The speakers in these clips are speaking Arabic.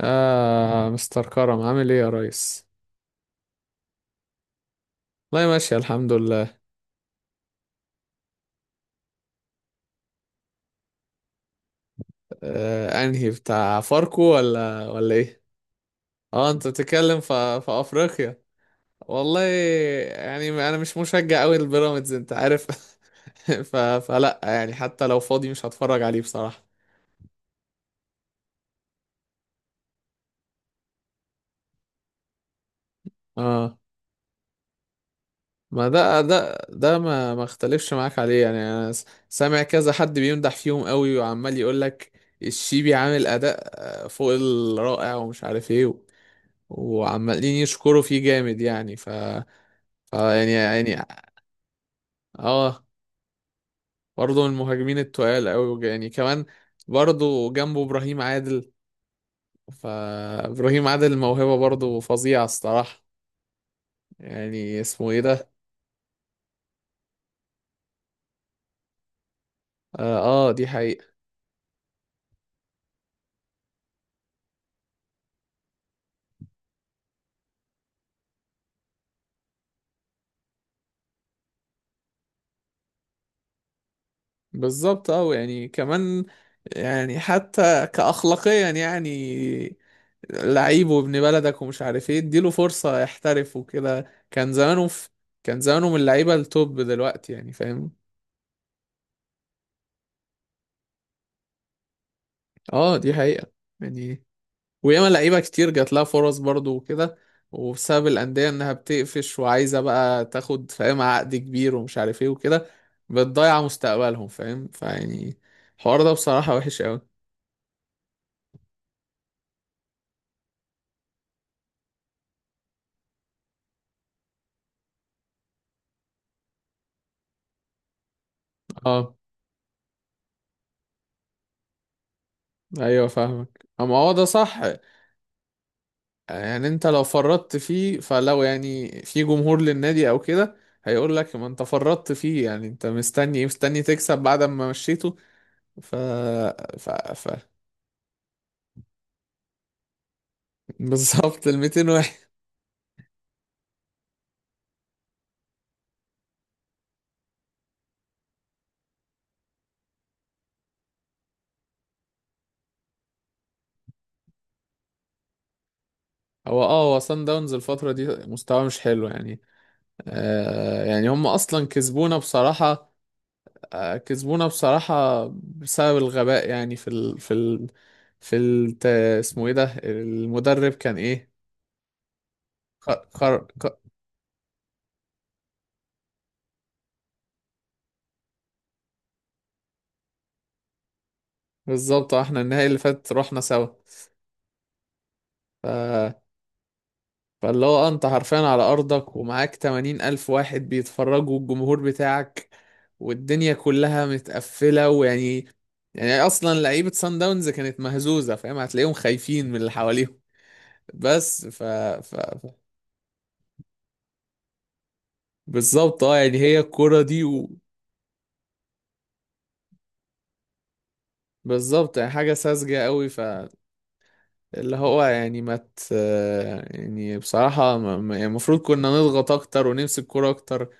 آه مستر كرم عامل ايه يا ريس؟ والله ماشي الحمد لله. آه انهي بتاع فاركو ولا ايه؟ اه انت بتتكلم في افريقيا. والله. يعني انا مش مشجع قوي للبيراميدز انت عارف. فلا يعني حتى لو فاضي مش هتفرج عليه بصراحة. اه، ما ده ما اختلفش معاك عليه. يعني انا سامع كذا حد بيمدح فيهم قوي وعمال يقول لك الشيبي عامل اداء فوق الرائع ومش عارف ايه. وعمالين يشكروا فيه جامد يعني. ف... ف يعني يعني اه، برضه من المهاجمين التقال قوي يعني كمان. برضه جنبه ابراهيم عادل. فابراهيم عادل موهبة برضه فظيعة الصراحة. يعني اسمه ايه ده؟ اه. آه دي حقيقة. بالظبط، اه، يعني كمان. يعني حتى كأخلاقيا يعني لعيب وابن بلدك ومش عارف ايه اديله فرصة يحترف وكده. كان زمانه من اللعيبة التوب دلوقتي يعني فاهم. اه دي حقيقة. يعني وياما لعيبة كتير جات لها فرص برضو وكده، وبسبب الأندية إنها بتقفش وعايزة بقى تاخد فاهم عقد كبير ومش عارف ايه وكده بتضيع مستقبلهم فاهم فيعني. الحوار ده بصراحة وحش أوي. اه، أيوة فاهمك، أما هو ده صح. يعني أنت لو فرطت فيه فلو يعني في جمهور للنادي أو كده هيقول لك، ما أنت فرطت فيه. يعني أنت مستني إيه؟ مستني تكسب بعد ما مشيته؟ ف... ف... ف... بالظبط، ال 200. هو سان داونز الفترة دي مستواه مش حلو يعني. آه يعني هم اصلا كسبونا بصراحة. آه كسبونا بصراحة بسبب الغباء. يعني في ال في ال في ال اسمه ايه ده؟ المدرب كان ايه؟ خر خر خ- بالظبط. احنا النهائي اللي فات رحنا سوا. ف فاللي هو انت حرفيا على ارضك ومعاك 80 الف واحد بيتفرجوا، الجمهور بتاعك والدنيا كلها متقفلة ويعني يعني اصلا لعيبة سان داونز كانت مهزوزة فاهم، هتلاقيهم خايفين من اللي حواليهم. بس ف... ف... بالظبط، اه، يعني هي الكرة دي. بالظبط يعني حاجة ساذجة قوي. فاللي هو يعني ما مت... يعني بصراحة يعني المفروض كنا نضغط اكتر ونمسك كرة اكتر.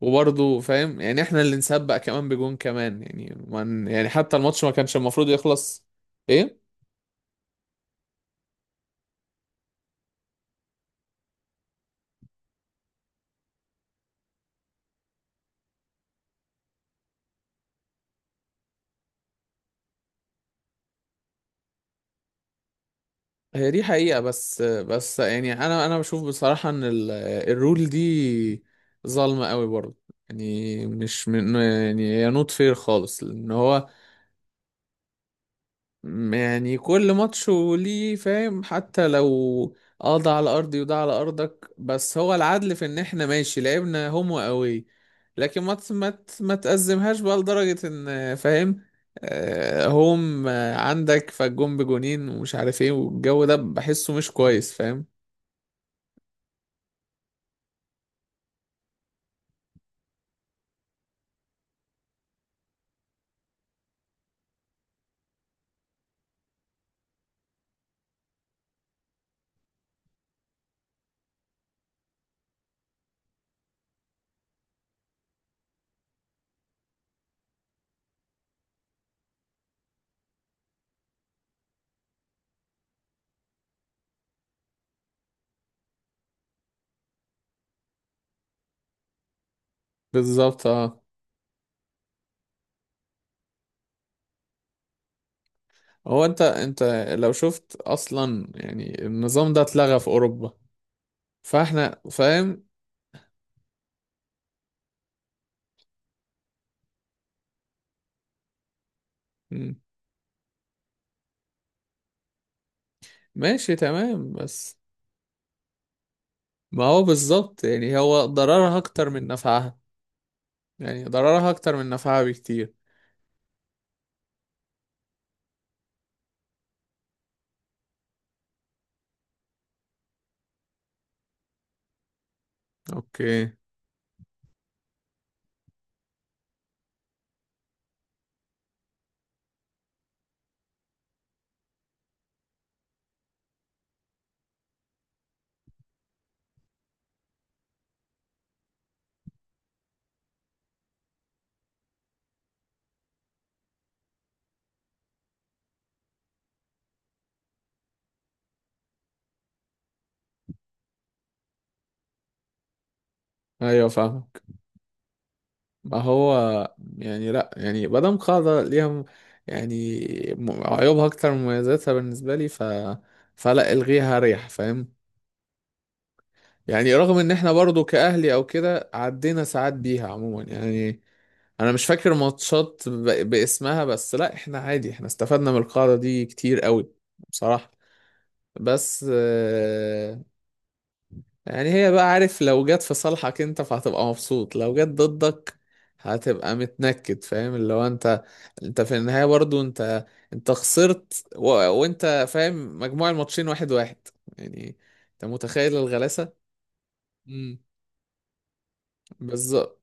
وبرضه فاهم يعني احنا اللي نسبق كمان بجون كمان، يعني من يعني حتى الماتش ما كانش المفروض يخلص. ايه. هي دي حقيقة. بس يعني انا بشوف بصراحة ان الرول دي ظالمة قوي برضه. يعني مش من يعني هي نوت فير خالص لان هو يعني كل ماتش وليه فاهم. حتى لو اه ده على ارضي وده على ارضك، بس هو العدل في ان احنا ماشي لعبنا هوم واوي. لكن ما تأزمهاش بقى لدرجة ان فاهم هوم عندك فالجون بجونين ومش عارف ايه والجو ده بحسه مش كويس فاهم. بالظبط، اه. هو انت لو شفت اصلا يعني النظام ده اتلغى في اوروبا، فاحنا فاهم. مم. ماشي تمام، بس ما هو بالظبط، يعني هو ضررها اكتر من نفعها. يعني ضررها اكتر من نفعها بكتير. اوكي. ايوه فاهمك. ما هو يعني لا يعني مادام قاعدة ليها يعني عيوبها اكتر من مميزاتها بالنسبة لي، ف فلا الغيها ريح فاهم. يعني رغم ان احنا برضو كأهلي او كده عدينا ساعات بيها عموما يعني، انا مش فاكر ماتشات باسمها، بس لا احنا عادي احنا استفدنا من القاعدة دي كتير قوي بصراحة. بس يعني هي بقى عارف، لو جت في صالحك انت فهتبقى مبسوط، لو جت ضدك هتبقى متنكد فاهم. اللي هو انت، انت في النهاية برضو انت، انت خسرت. وانت فاهم مجموع الماتشين واحد واحد. يعني انت متخيل الغلاسة. امم. بالظبط.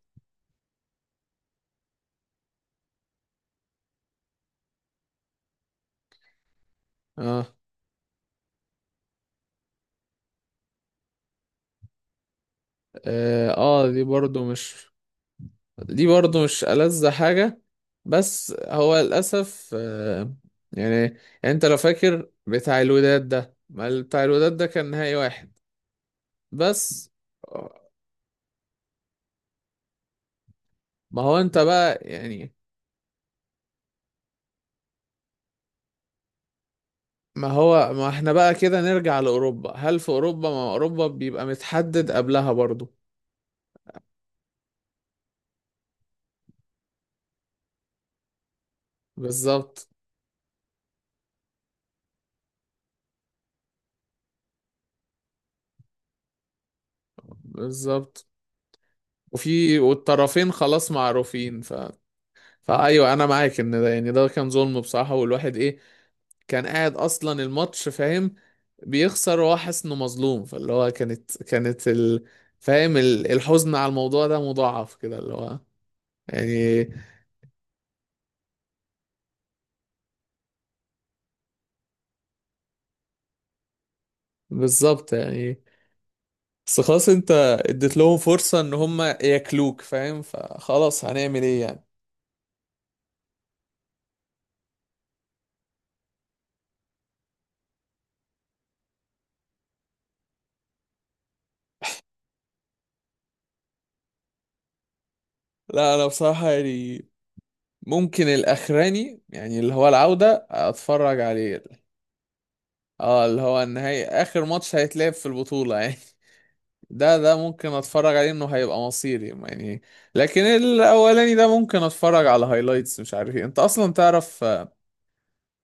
اه. اه آه، دي برضو مش دي برضو مش ألذ حاجة بس هو للأسف. يعني انت لو فاكر بتاع الوداد ده، ما بتاع الوداد ده كان نهائي واحد بس. ما هو انت بقى يعني. ما هو ما احنا بقى كده نرجع لأوروبا. هل في أوروبا، ما أوروبا بيبقى متحدد قبلها برضو. بالظبط. بالظبط. والطرفين خلاص معروفين. فأيوه أنا معاك إن ده يعني ده كان ظلم بصراحة، والواحد إيه، كان قاعد أصلا الماتش فاهم بيخسر وهو حاسس إنه مظلوم. فاللي هو كانت فاهم الحزن على الموضوع ده مضاعف كده اللي هو يعني. بالظبط، يعني بس خلاص انت اديت لهم فرصة ان هم ياكلوك فاهم. فخلاص هنعمل ايه يعني؟ لا انا بصراحة يعني ممكن الاخراني، يعني اللي هو العودة، اتفرج عليه. اه، اللي هو النهائي، اخر ماتش هيتلعب في البطولة يعني. ده ممكن اتفرج عليه انه هيبقى مصيري يعني. لكن الاولاني ده ممكن اتفرج على هايلايتس مش عارف ايه انت اصلا تعرف.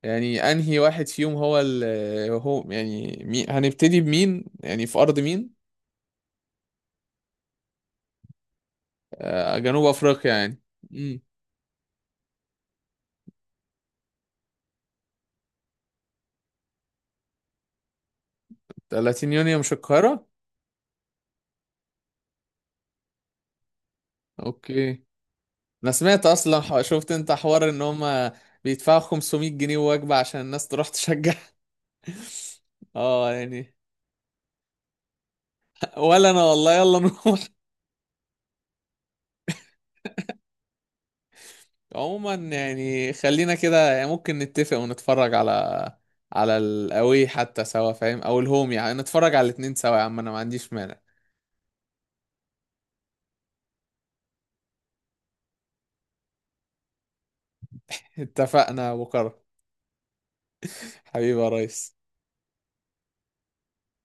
يعني انهي واحد فيهم هو هو يعني مين هنبتدي بمين؟ يعني في ارض مين؟ آه، جنوب افريقيا يعني. امم. 30 يونيو مش القاهرة. اوكي. انا سمعت اصلا شفت انت حوار ان هم بيدفعوا 500 جنيه وجبة عشان الناس تروح تشجع. اه يعني ولا انا، والله يلا نروح. عموما يعني خلينا كده. يعني ممكن نتفق ونتفرج على الاوي حتى سوا فاهم، او الهوم، يعني نتفرج على الاتنين سوا يا عم، انا ما عنديش مانع. اتفقنا يا ابو كرم، حبيبي يا ريس.